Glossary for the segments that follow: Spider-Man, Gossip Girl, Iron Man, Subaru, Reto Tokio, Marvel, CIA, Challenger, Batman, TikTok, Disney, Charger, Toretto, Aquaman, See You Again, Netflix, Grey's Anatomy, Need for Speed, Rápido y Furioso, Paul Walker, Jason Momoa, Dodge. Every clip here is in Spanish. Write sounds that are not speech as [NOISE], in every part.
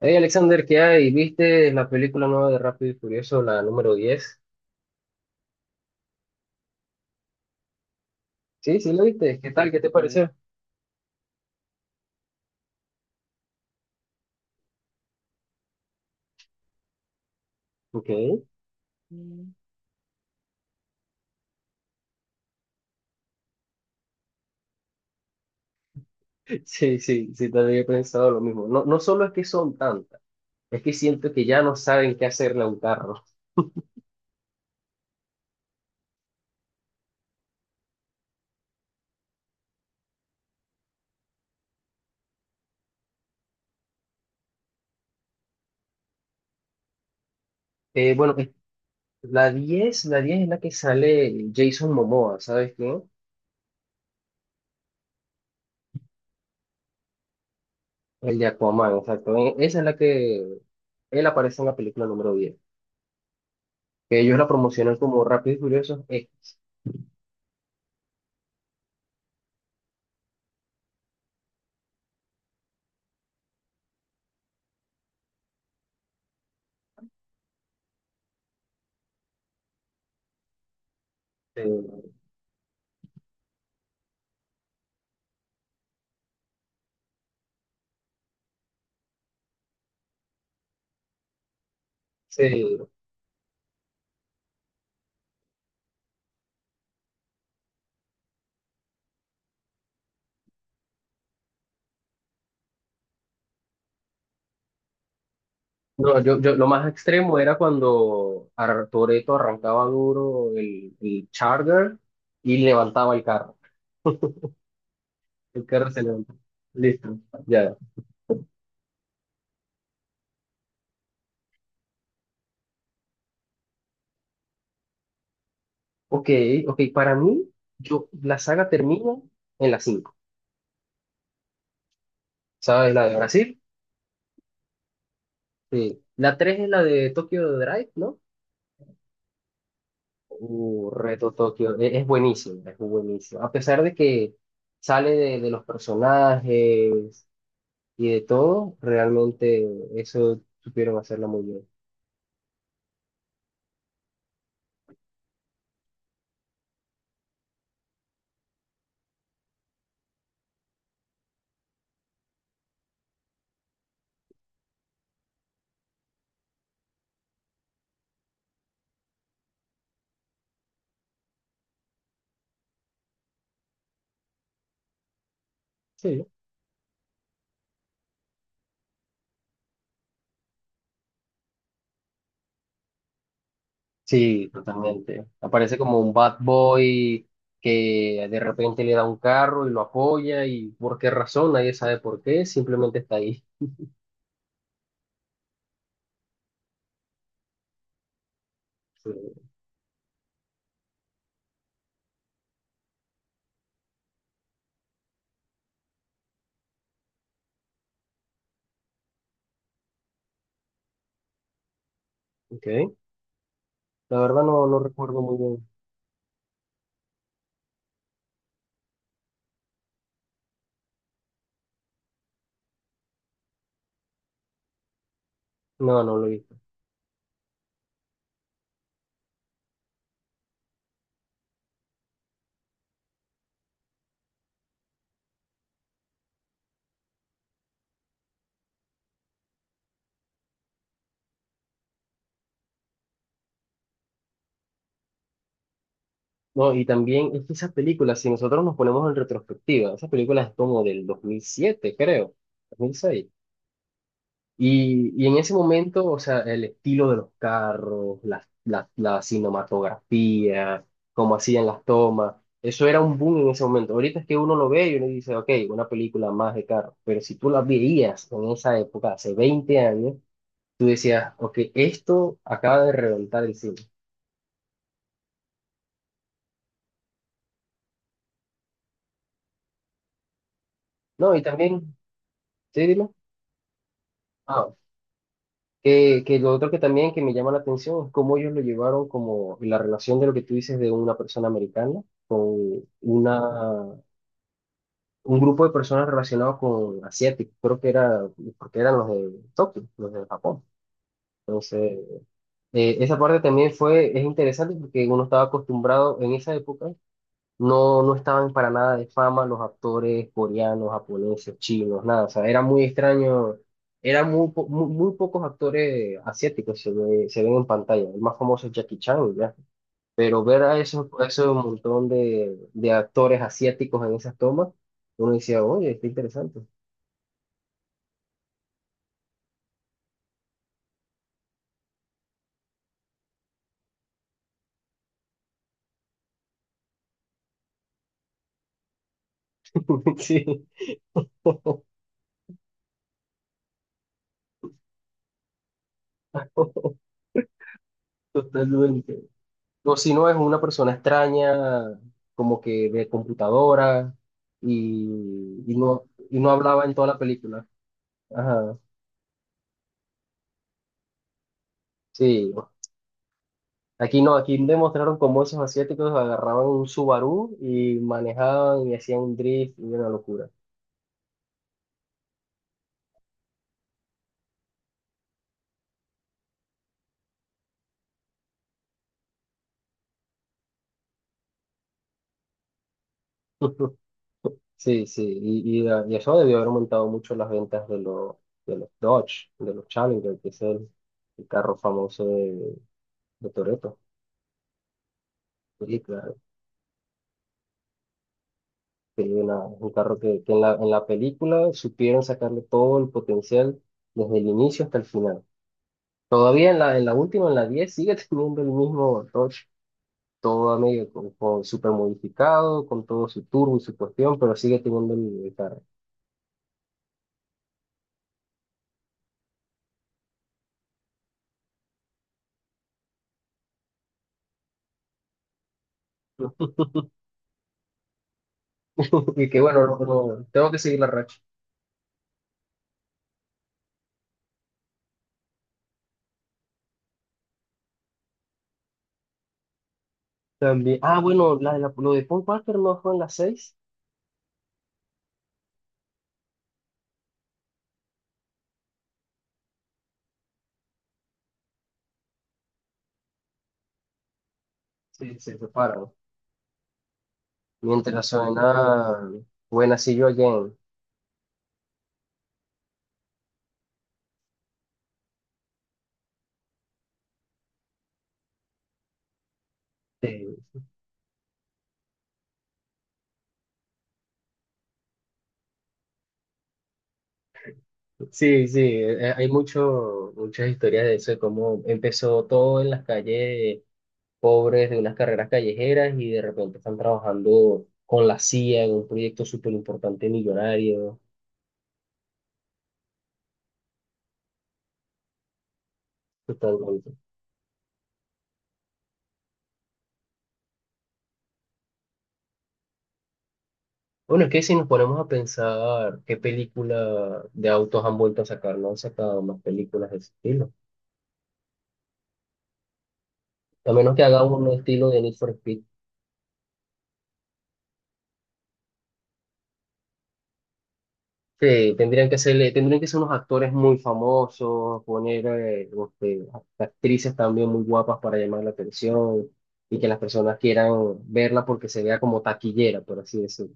Hey Alexander, ¿qué hay? ¿Viste la película nueva de Rápido y Furioso, la número 10? Sí, sí, la viste. ¿Qué tal? ¿Qué te, sí, pareció? Ok. [LAUGHS] Sí, sí, sí, también he pensado lo mismo. No, no solo es que son tantas, es que siento que ya no saben qué hacerle a un carro. Bueno, la 10 es la que sale Jason Momoa, ¿sabes quién? El de Aquaman, exacto. Esa es la que él aparece en la película número 10, que ellos la promocionan como Rápido y Furioso. Este. Sí. No, yo lo más extremo era cuando Toretto arrancaba duro el Charger y levantaba el carro. El carro se levantó. Listo, ya. Ok, ok, para mí, la saga termina en la cinco. ¿Sabes? La de Brasil. Sí. La 3 es la de Tokyo Drive, ¿no? Reto Tokio. Es buenísimo, es buenísimo. A pesar de que sale de los personajes y de todo, realmente eso supieron hacerla muy bien. Sí. Sí, totalmente. Aparece como un bad boy que de repente le da un carro y lo apoya y por qué razón, nadie sabe por qué, simplemente está ahí. Sí. Okay. La verdad, no recuerdo muy bien. No, no lo he visto. No, y también es que esas películas, si nosotros nos ponemos en retrospectiva, esas películas es como del 2007, creo, 2006. Y en ese momento, o sea, el estilo de los carros, la cinematografía, cómo hacían las tomas, eso era un boom en ese momento. Ahorita es que uno lo ve y uno dice, ok, una película más de carros, pero si tú la veías en esa época, hace 20 años, tú decías, ok, esto acaba de reventar el cine. No, y también. Sí, dime. Ah, que lo otro que también que me llama la atención es cómo ellos lo llevaron como la relación de lo que tú dices de una persona americana con una un grupo de personas relacionados con asiáticos, creo que era, porque eran los de Tokio, los de Japón. Entonces, esa parte también fue, es interesante porque uno estaba acostumbrado en esa época, no estaban para nada de fama los actores coreanos, japoneses, chinos, nada, o sea, era muy extraño, eran muy, muy pocos actores asiáticos se ven en pantalla, el más famoso es Jackie Chan, ya, pero ver a esos montón de actores asiáticos en esas tomas, uno decía, oye, está interesante. [LAUGHS] Sí, [LAUGHS] totalmente. O si no, es una persona extraña, como que de computadora, y no hablaba en toda la película. Ajá, sí. Aquí no, aquí demostraron cómo esos asiáticos agarraban un Subaru y manejaban y hacían un drift y una locura. [LAUGHS] Sí, sí, y eso debió haber aumentado mucho las ventas de de los Dodge, de los Challenger, que es el carro famoso de Toretto. Sí, claro. Sí, un carro que en la película supieron sacarle todo el potencial desde el inicio hasta el final. Todavía en la última, en la 10 sigue [LAUGHS] teniendo el mismo Dodge, todo a medio, con super modificado, con todo su turbo y su cuestión, pero sigue teniendo el carro. [LAUGHS] Y que bueno, no, tengo que seguir la racha. También, ah, bueno, lo de Paul Walker no fue en la seis. Sí, se separan. Mientras suena Buena See You Again. Sí, sí, hay muchas historias de eso, de cómo empezó todo en las calles pobres de unas carreras callejeras y de repente están trabajando con la CIA en un proyecto súper importante, millonario, totalmente. Bueno, es que si nos ponemos a pensar qué película de autos han vuelto a sacar, no han sacado más películas de ese estilo. A menos que haga uno estilo de Need for Speed. Sí, tendrían que ser unos actores muy famosos, poner este, actrices también muy guapas para llamar la atención y que las personas quieran verla porque se vea como taquillera, por así decirlo.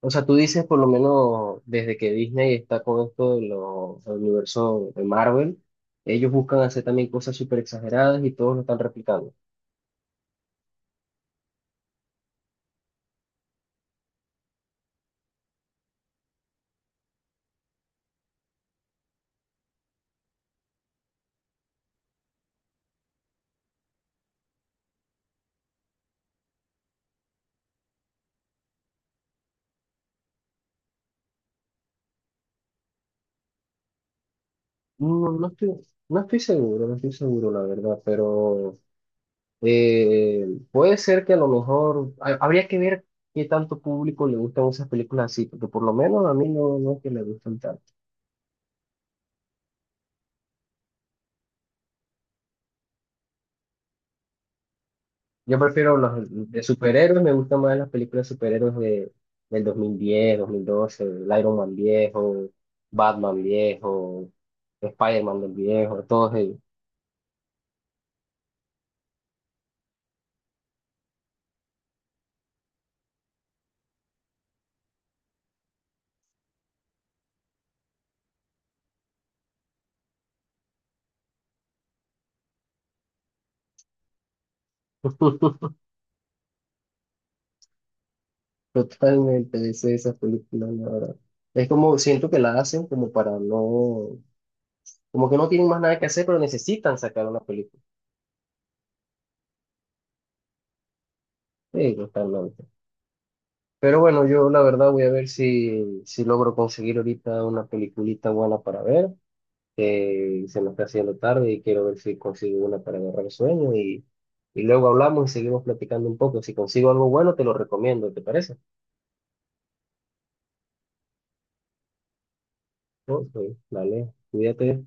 O sea, tú dices por lo menos desde que Disney está con esto de los del universo de Marvel, ellos buscan hacer también cosas súper exageradas y todos lo están replicando. No, no estoy seguro, no estoy seguro, la verdad, pero puede ser que a lo mejor habría que ver qué tanto público le gustan esas películas así, porque por lo menos a mí no es que me gustan tanto. Yo prefiero las de superhéroes, me gustan más las películas de superhéroes del 2010, 2012, el Iron Man viejo, Batman viejo, Spider-Man del viejo, todos ellos. [LAUGHS] Totalmente deseo esas películas, la verdad. Es como, siento que las hacen como para no, como que no tienen más nada que hacer, pero necesitan sacar una película. Sí, totalmente. Pero bueno, yo la verdad voy a ver si logro conseguir ahorita una peliculita buena para ver, que se me está haciendo tarde y quiero ver si consigo una para agarrar el sueño y luego hablamos y seguimos platicando un poco. Si consigo algo bueno, te lo recomiendo, ¿te parece? Ok, dale, cuídate.